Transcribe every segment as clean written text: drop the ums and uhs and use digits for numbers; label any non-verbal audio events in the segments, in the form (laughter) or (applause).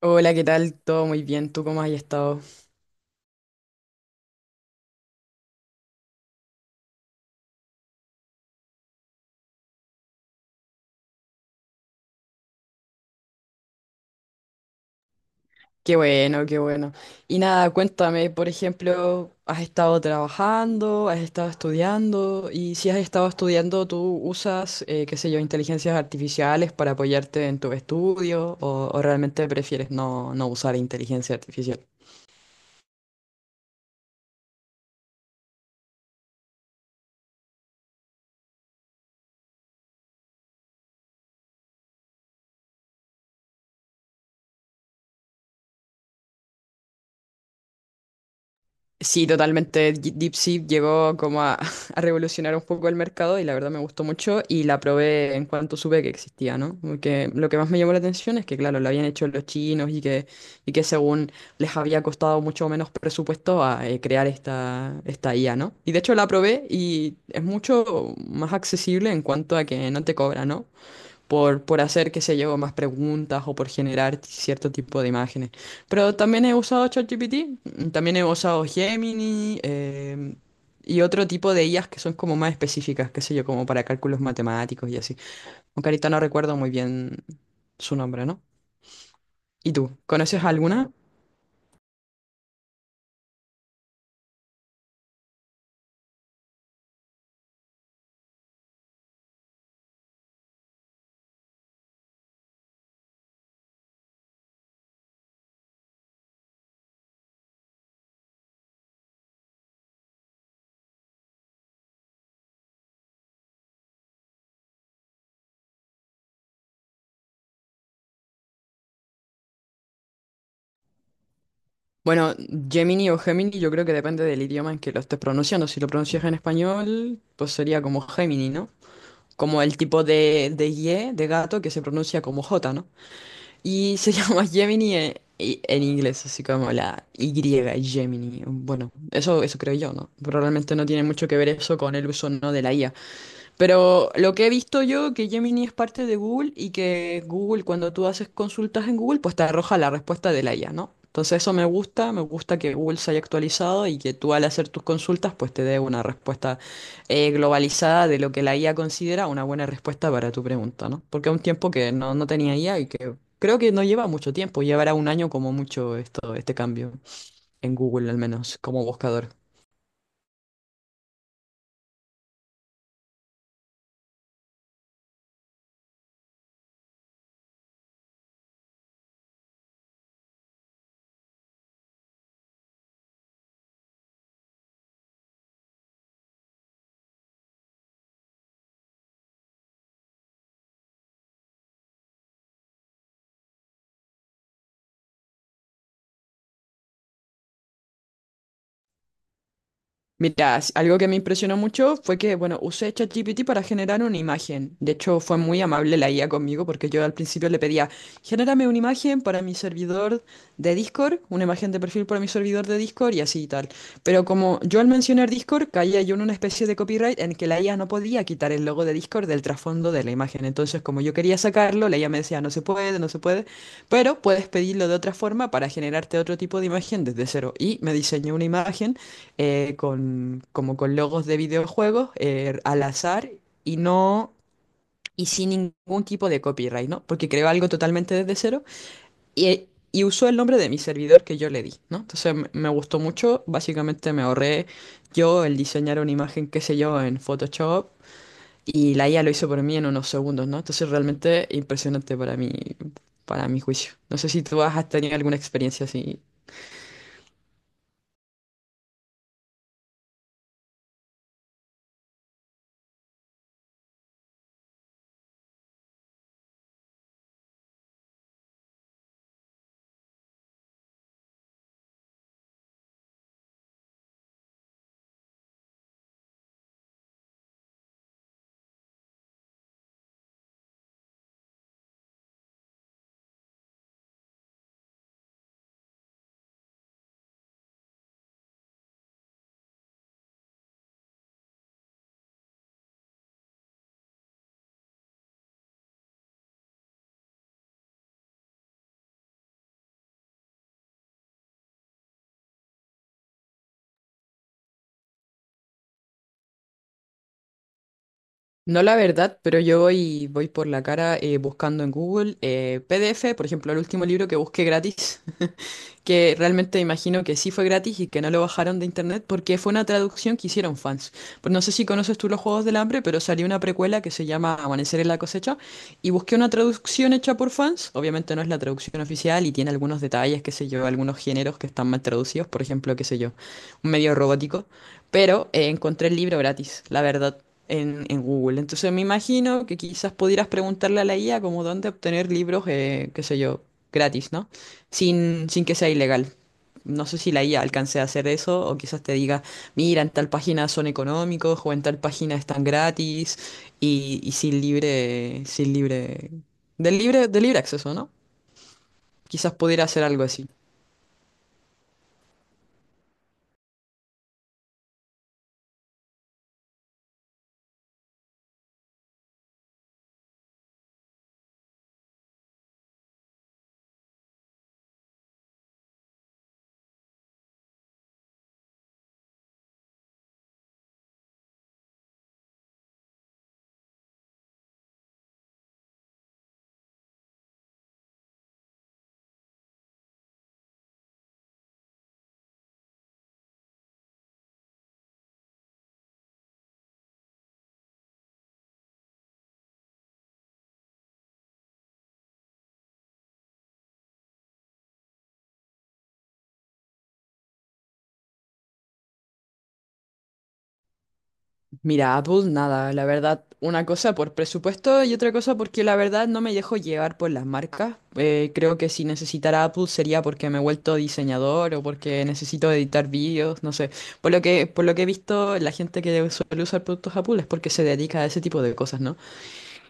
Hola, ¿qué tal? Todo muy bien, ¿tú cómo has estado? Qué bueno, qué bueno. Y nada, cuéntame, por ejemplo, ¿has estado trabajando? ¿Has estado estudiando? Y si has estado estudiando, ¿tú usas, qué sé yo, inteligencias artificiales para apoyarte en tu estudio? O realmente prefieres no, no usar inteligencia artificial? Sí, totalmente. DeepSeek llegó como a, (laughs) a revolucionar un poco el mercado y la verdad me gustó mucho y la probé en cuanto supe que existía, ¿no? Porque lo que más me llamó la atención es que, claro, lo habían hecho los chinos y que según les había costado mucho menos presupuesto a crear esta IA, ¿no? Y de hecho la probé y es mucho más accesible en cuanto a que no te cobra, ¿no? por hacer, qué sé yo, más preguntas o por generar cierto tipo de imágenes. Pero también he usado ChatGPT, mm, también he usado Gemini y otro tipo de IAs que son como más específicas, qué sé yo, como para cálculos matemáticos y así. Aunque ahorita no recuerdo muy bien su nombre, ¿no? ¿Y tú? ¿Conoces alguna? Bueno, Gemini o Gemini yo creo que depende del idioma en que lo estés pronunciando. Si lo pronuncias en español, pues sería como Gemini, ¿no? Como el tipo de Y, de gato, que se pronuncia como J, ¿no? Y se (laughs) llama Gemini en inglés, así como la Y, Gemini. Bueno, eso creo yo, ¿no? Pero realmente no tiene mucho que ver eso con el uso, ¿no? de la IA. Pero lo que he visto yo, que Gemini es parte de Google y que Google, cuando tú haces consultas en Google, pues te arroja la respuesta de la IA, ¿no? Entonces eso me gusta que Google se haya actualizado y que tú al hacer tus consultas, pues te dé una respuesta globalizada de lo que la IA considera una buena respuesta para tu pregunta, ¿no? Porque es un tiempo que no, no tenía IA y que creo que no lleva mucho tiempo, llevará un año como mucho esto, este cambio en Google, al menos como buscador. Mira, algo que me impresionó mucho fue que, bueno, usé ChatGPT para generar una imagen. De hecho, fue muy amable la IA conmigo porque yo al principio le pedía, genérame una imagen para mi servidor de Discord, una imagen de perfil para mi servidor de Discord y así y tal. Pero como yo al mencionar Discord caía yo en una especie de copyright en que la IA no podía quitar el logo de Discord del trasfondo de la imagen. Entonces, como yo quería sacarlo, la IA me decía, no se puede, no se puede, pero puedes pedirlo de otra forma para generarte otro tipo de imagen desde cero. Y me diseñó una imagen con, como con logos de videojuegos al azar y no y sin ningún tipo de copyright, ¿no? Porque creo algo totalmente desde cero y usó el nombre de mi servidor que yo le di, ¿no? Entonces me gustó mucho, básicamente me ahorré yo el diseñar una imagen, qué sé yo, en Photoshop y la IA lo hizo por mí en unos segundos, ¿no? Entonces realmente impresionante para mí, para mi juicio. No sé si tú has tenido alguna experiencia así. No la verdad, pero yo voy por la cara buscando en Google PDF, por ejemplo, el último libro que busqué gratis que realmente imagino que sí fue gratis y que no lo bajaron de internet porque fue una traducción que hicieron fans. Pues no sé si conoces tú los Juegos del Hambre, pero salió una precuela que se llama Amanecer en la cosecha y busqué una traducción hecha por fans. Obviamente no es la traducción oficial y tiene algunos detalles, qué sé yo, algunos géneros que están mal traducidos, por ejemplo, qué sé yo, un medio robótico, pero encontré el libro gratis, la verdad en Google. Entonces me imagino que quizás pudieras preguntarle a la IA como dónde obtener libros, qué sé yo, gratis, ¿no? sin, sin que sea ilegal. No sé si la IA alcance a hacer eso o quizás te diga, mira, en tal página son económicos o en tal página están gratis y sin libre, sin libre, del libre, de libre acceso, ¿no? Quizás pudiera hacer algo así. Mira, Apple, nada, la verdad, una cosa por presupuesto y otra cosa porque la verdad no me dejo llevar por las marcas. Creo que si necesitara Apple sería porque me he vuelto diseñador o porque necesito editar vídeos, no sé. Por lo que he visto, la gente que suele usar productos Apple es porque se dedica a ese tipo de cosas, ¿no?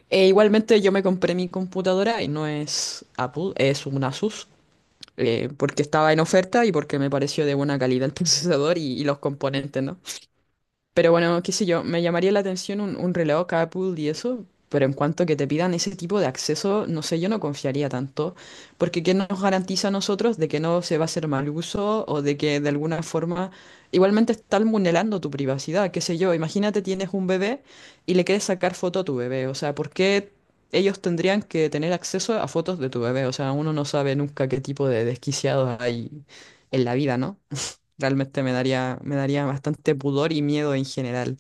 E igualmente yo me compré mi computadora y no es Apple, es un Asus. Porque estaba en oferta y porque me pareció de buena calidad el (laughs) procesador y los componentes, ¿no? Pero bueno, qué sé yo, me llamaría la atención un reloj Apple y eso, pero en cuanto que te pidan ese tipo de acceso, no sé, yo no confiaría tanto, porque ¿qué nos garantiza a nosotros de que no se va a hacer mal uso o de que de alguna forma igualmente están vulnerando tu privacidad? Qué sé yo, imagínate tienes un bebé y le quieres sacar foto a tu bebé, o sea, ¿por qué ellos tendrían que tener acceso a fotos de tu bebé? O sea, uno no sabe nunca qué tipo de desquiciados hay en la vida, ¿no? Realmente me daría bastante pudor y miedo en general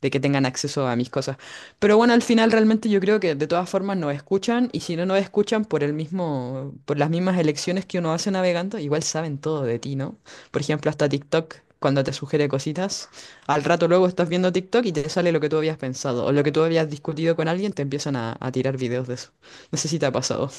de que tengan acceso a mis cosas. Pero bueno, al final realmente yo creo que de todas formas nos escuchan y si no nos escuchan por el mismo, por las mismas elecciones que uno hace navegando, igual saben todo de ti, ¿no? Por ejemplo, hasta TikTok, cuando te sugiere cositas, al rato luego estás viendo TikTok y te sale lo que tú habías pensado o lo que tú habías discutido con alguien, te empiezan a tirar videos de eso. No sé si te ha pasado.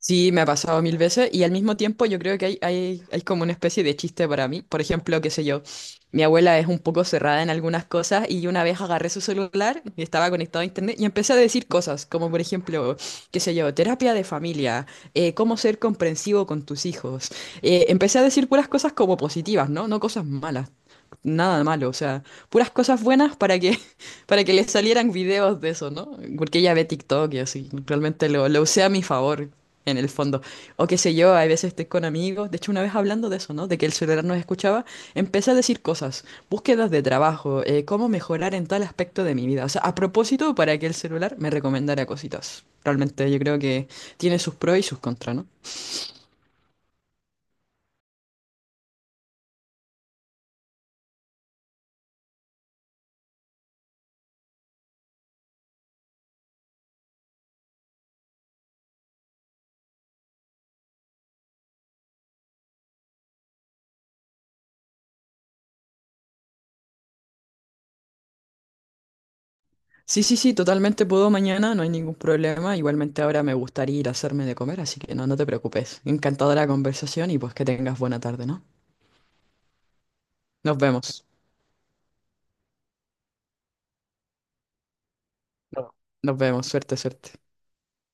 Sí, me ha pasado mil veces y al mismo tiempo yo creo que hay como una especie de chiste para mí. Por ejemplo, qué sé yo, mi abuela es un poco cerrada en algunas cosas y yo una vez agarré su celular y estaba conectado a internet y empecé a decir cosas como por ejemplo, qué sé yo, terapia de familia, cómo ser comprensivo con tus hijos. Empecé a decir puras cosas como positivas, ¿no? No cosas malas, nada malo, o sea, puras cosas buenas para que le salieran videos de eso, ¿no? Porque ella ve TikTok y así, realmente lo usé a mi favor, en el fondo. O qué sé yo, hay veces estoy con amigos, de hecho una vez hablando de eso, ¿no? De que el celular nos escuchaba, empecé a decir cosas, búsquedas de trabajo, cómo mejorar en tal aspecto de mi vida. O sea, a propósito, para que el celular me recomendara cositas. Realmente yo creo que tiene sus pros y sus contras, ¿no? Sí, sí, sí, totalmente puedo mañana, no hay ningún problema. Igualmente ahora me gustaría ir a hacerme de comer, así que no, no te preocupes. Encantadora la conversación y pues que tengas buena tarde, ¿no? Nos vemos. No. Nos vemos, suerte, suerte.